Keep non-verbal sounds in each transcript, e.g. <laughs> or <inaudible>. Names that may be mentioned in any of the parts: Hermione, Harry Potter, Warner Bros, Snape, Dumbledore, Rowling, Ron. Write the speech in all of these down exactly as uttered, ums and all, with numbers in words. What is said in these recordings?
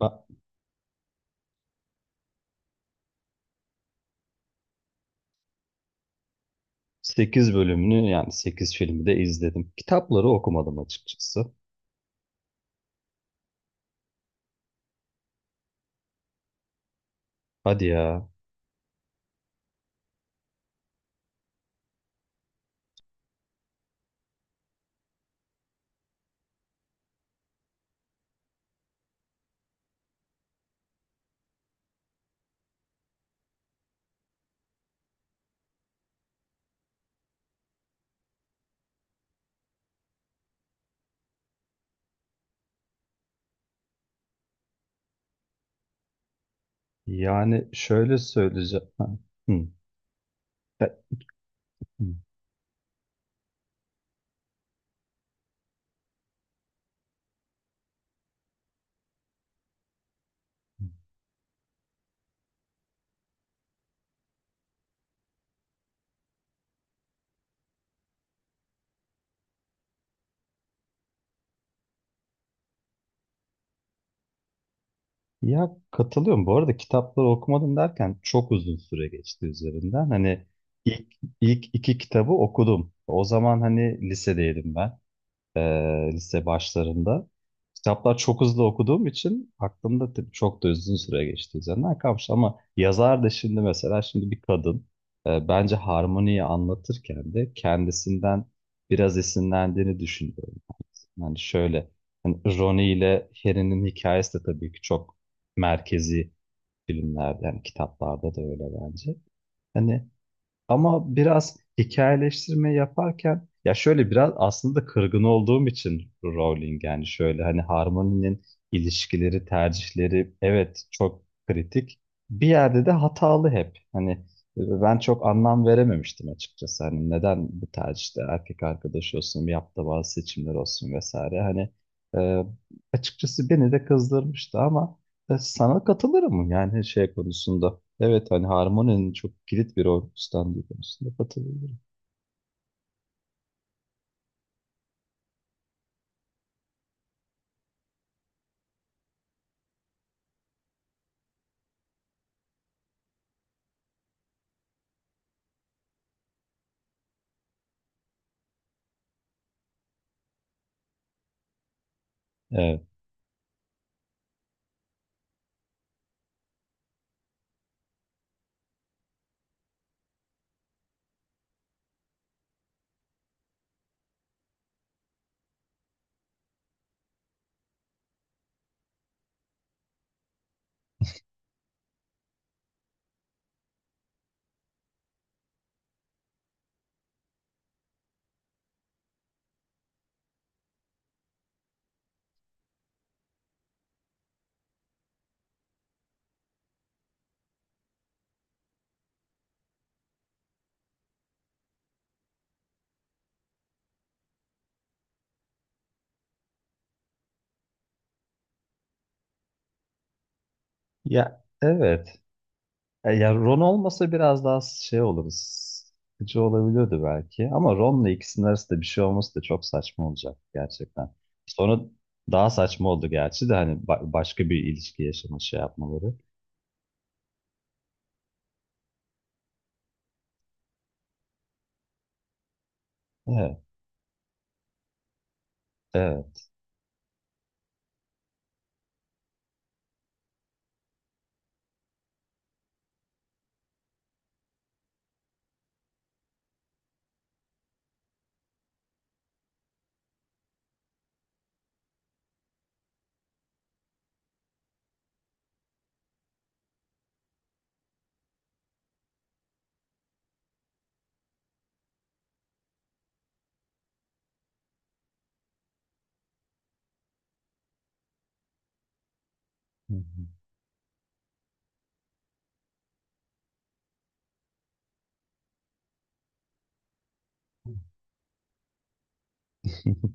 Ben sekiz bölümünü yani sekiz filmi de izledim. Kitapları okumadım açıkçası. Hadi ya. Yani şöyle söyleyeceğim. Ha, hı. Be- Ya katılıyorum. Bu arada kitapları okumadım derken çok uzun süre geçti üzerinden. Hani ilk, ilk iki kitabı okudum. O zaman hani lisedeydim ben. e, Lise başlarında. Kitaplar çok hızlı okuduğum için aklımda tabii çok da uzun süre geçti üzerinden kalmış. Ama yazar da şimdi mesela şimdi bir kadın, e, bence harmoniyi anlatırken de kendisinden biraz esinlendiğini düşünüyorum. Yani şöyle, hani Ronnie ile Harry'nin hikayesi de tabii ki çok merkezi filmlerde yani kitaplarda da öyle bence. Hani ama biraz hikayeleştirme yaparken ya şöyle biraz aslında da kırgın olduğum için Rowling, yani şöyle hani Harmony'nin ilişkileri, tercihleri evet çok kritik. Bir yerde de hatalı hep. Hani e, ben çok anlam verememiştim açıkçası. Hani neden bu tercihte erkek arkadaş olsun, yaptığı bazı seçimler olsun vesaire. Hani e, açıkçası beni de kızdırmıştı ama e, sana katılırım yani şey konusunda. Evet, hani harmoninin çok kilit bir rol üstlendiği konusunda katılırım. Evet. Ya, evet. E, ya Ron olmasa biraz daha şey oluruz. Sıkıcı olabiliyordu belki. Ama Ron'la ikisinin arasında bir şey olması da çok saçma olacak gerçekten. Sonra daha saçma oldu gerçi de hani ba- başka bir ilişki yaşama şey yapmaları. Evet. Evet. Hı hı.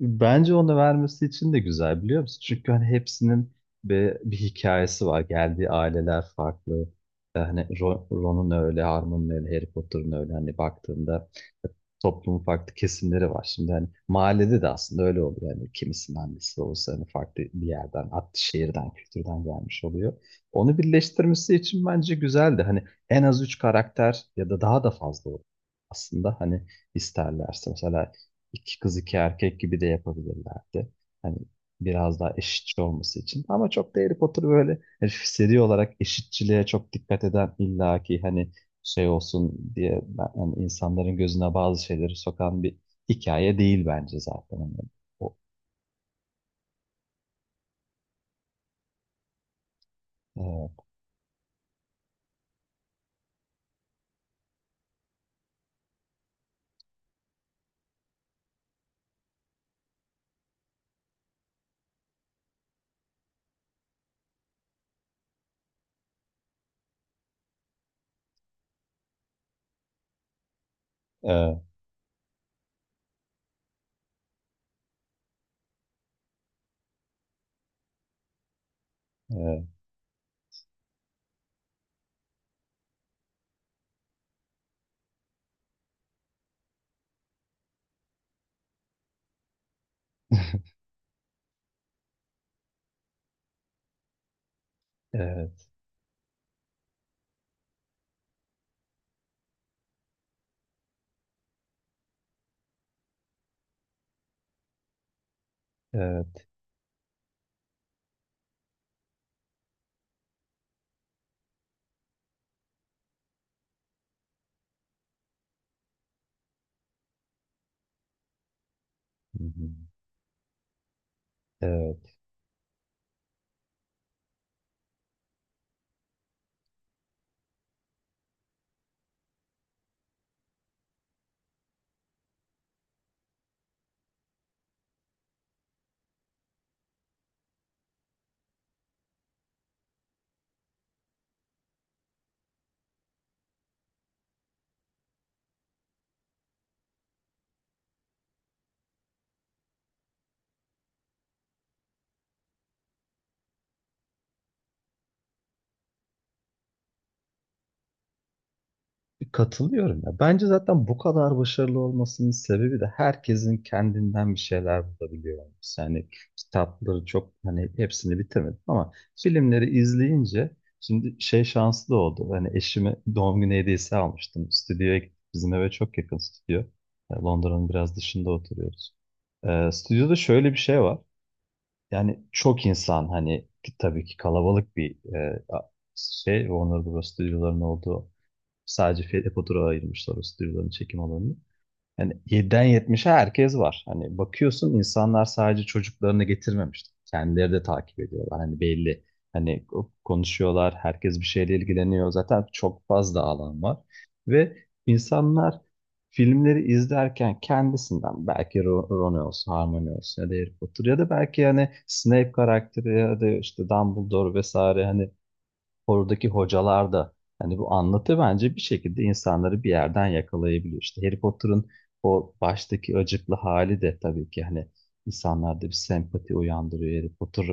Bence onu vermesi için de güzel biliyor musun? Çünkü hani hepsinin bir, bir hikayesi var. Geldiği aileler farklı. Ee, Hani Ro- Ron'un öyle, Harmon'un öyle, Harry Potter'ın öyle. Hani baktığında toplumun farklı kesimleri var. Şimdi hani mahallede de aslında öyle oluyor. Yani kimisinin annesi olsa hani farklı bir yerden, farklı şehirden, kültürden gelmiş oluyor. Onu birleştirmesi için bence güzeldi. Hani en az üç karakter ya da daha da fazla olur aslında. Hani isterlerse mesela iki kız iki erkek gibi de yapabilirlerdi. Hani biraz daha eşitçi olması için. Ama çok da Harry Potter böyle hani seri olarak eşitçiliğe çok dikkat eden illaki hani şey olsun diye ben- hani insanların gözüne bazı şeyleri sokan bir hikaye değil bence zaten. Hani o, evet, <laughs> evet, evet, evet, evet, hı hı, evet. Katılıyorum ya. Bence zaten bu kadar başarılı olmasının sebebi de herkesin kendinden bir şeyler bulabiliyor olması. Yani kitapları çok hani hepsini bitirmedim ama filmleri izleyince şimdi şey şanslı oldu. Hani eşime doğum günü hediyesi almıştım. Stüdyoya gittik. Bizim eve çok yakın stüdyo. E, Londra'nın biraz dışında oturuyoruz. E, stüdyoda şöyle bir şey var. Yani çok insan hani ki- tabii ki kalabalık bir e, a- şey Warner Bros. Stüdyolarının olduğu, sadece Fedepodur'a ayırmışlar o stüdyoların çekim alanını. Yani yediden yetmişe herkes var. Hani bakıyorsun insanlar sadece çocuklarını getirmemiş. Kendileri de takip ediyorlar. Hani belli. Hani konuşuyorlar. Herkes bir şeyle ilgileniyor. Zaten çok fazla alan var. Ve insanlar filmleri izlerken kendisinden belki Ro- Ron olsun, Hermione olsun ya da Harry Potter ya da belki hani Snape karakteri ya da işte Dumbledore vesaire, hani oradaki hocalar da, hani bu anlatı bence bir şekilde insanları bir yerden yakalayabiliyor. İşte Harry Potter'ın o baştaki acıklı hali de tabii ki hani insanlarda bir sempati uyandırıyor. Harry Potter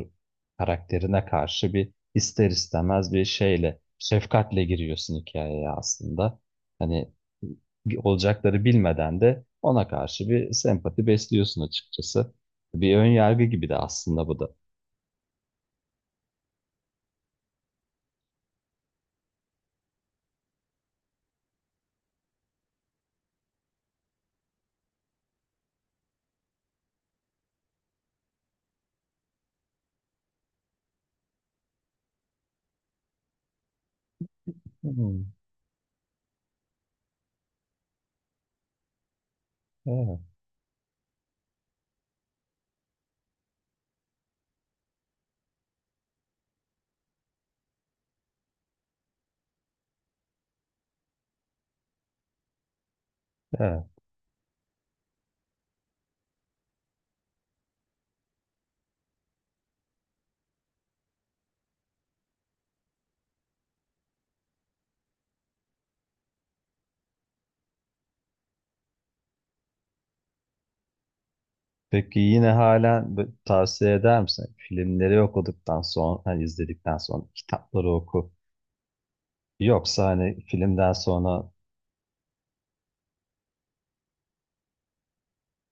karakterine karşı bir ister istemez bir şeyle, şefkatle giriyorsun hikayeye aslında. Hani olacakları bilmeden de ona karşı bir sempati besliyorsun açıkçası. Bir ön yargı gibi de aslında bu da. Hmm, evet, evet. Peki yine halen b- tavsiye eder misin? Filmleri okuduktan sonra, hani izledikten sonra kitapları oku. Yoksa hani filmden sonra...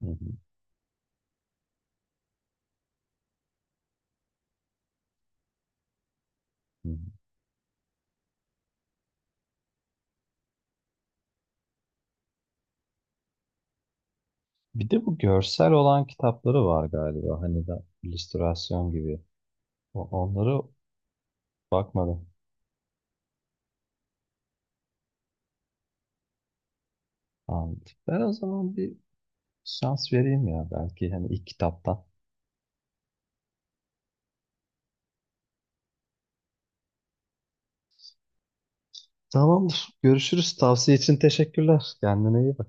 Hı hı, hı. Hı. Bir de bu görsel olan kitapları var galiba. Hani de illüstrasyon gibi. O- Onları bakmadım. Anladım. Ben o zaman bir şans vereyim ya belki hani ilk kitaptan. Tamamdır. Görüşürüz. Tavsiye için teşekkürler. Kendine iyi bak.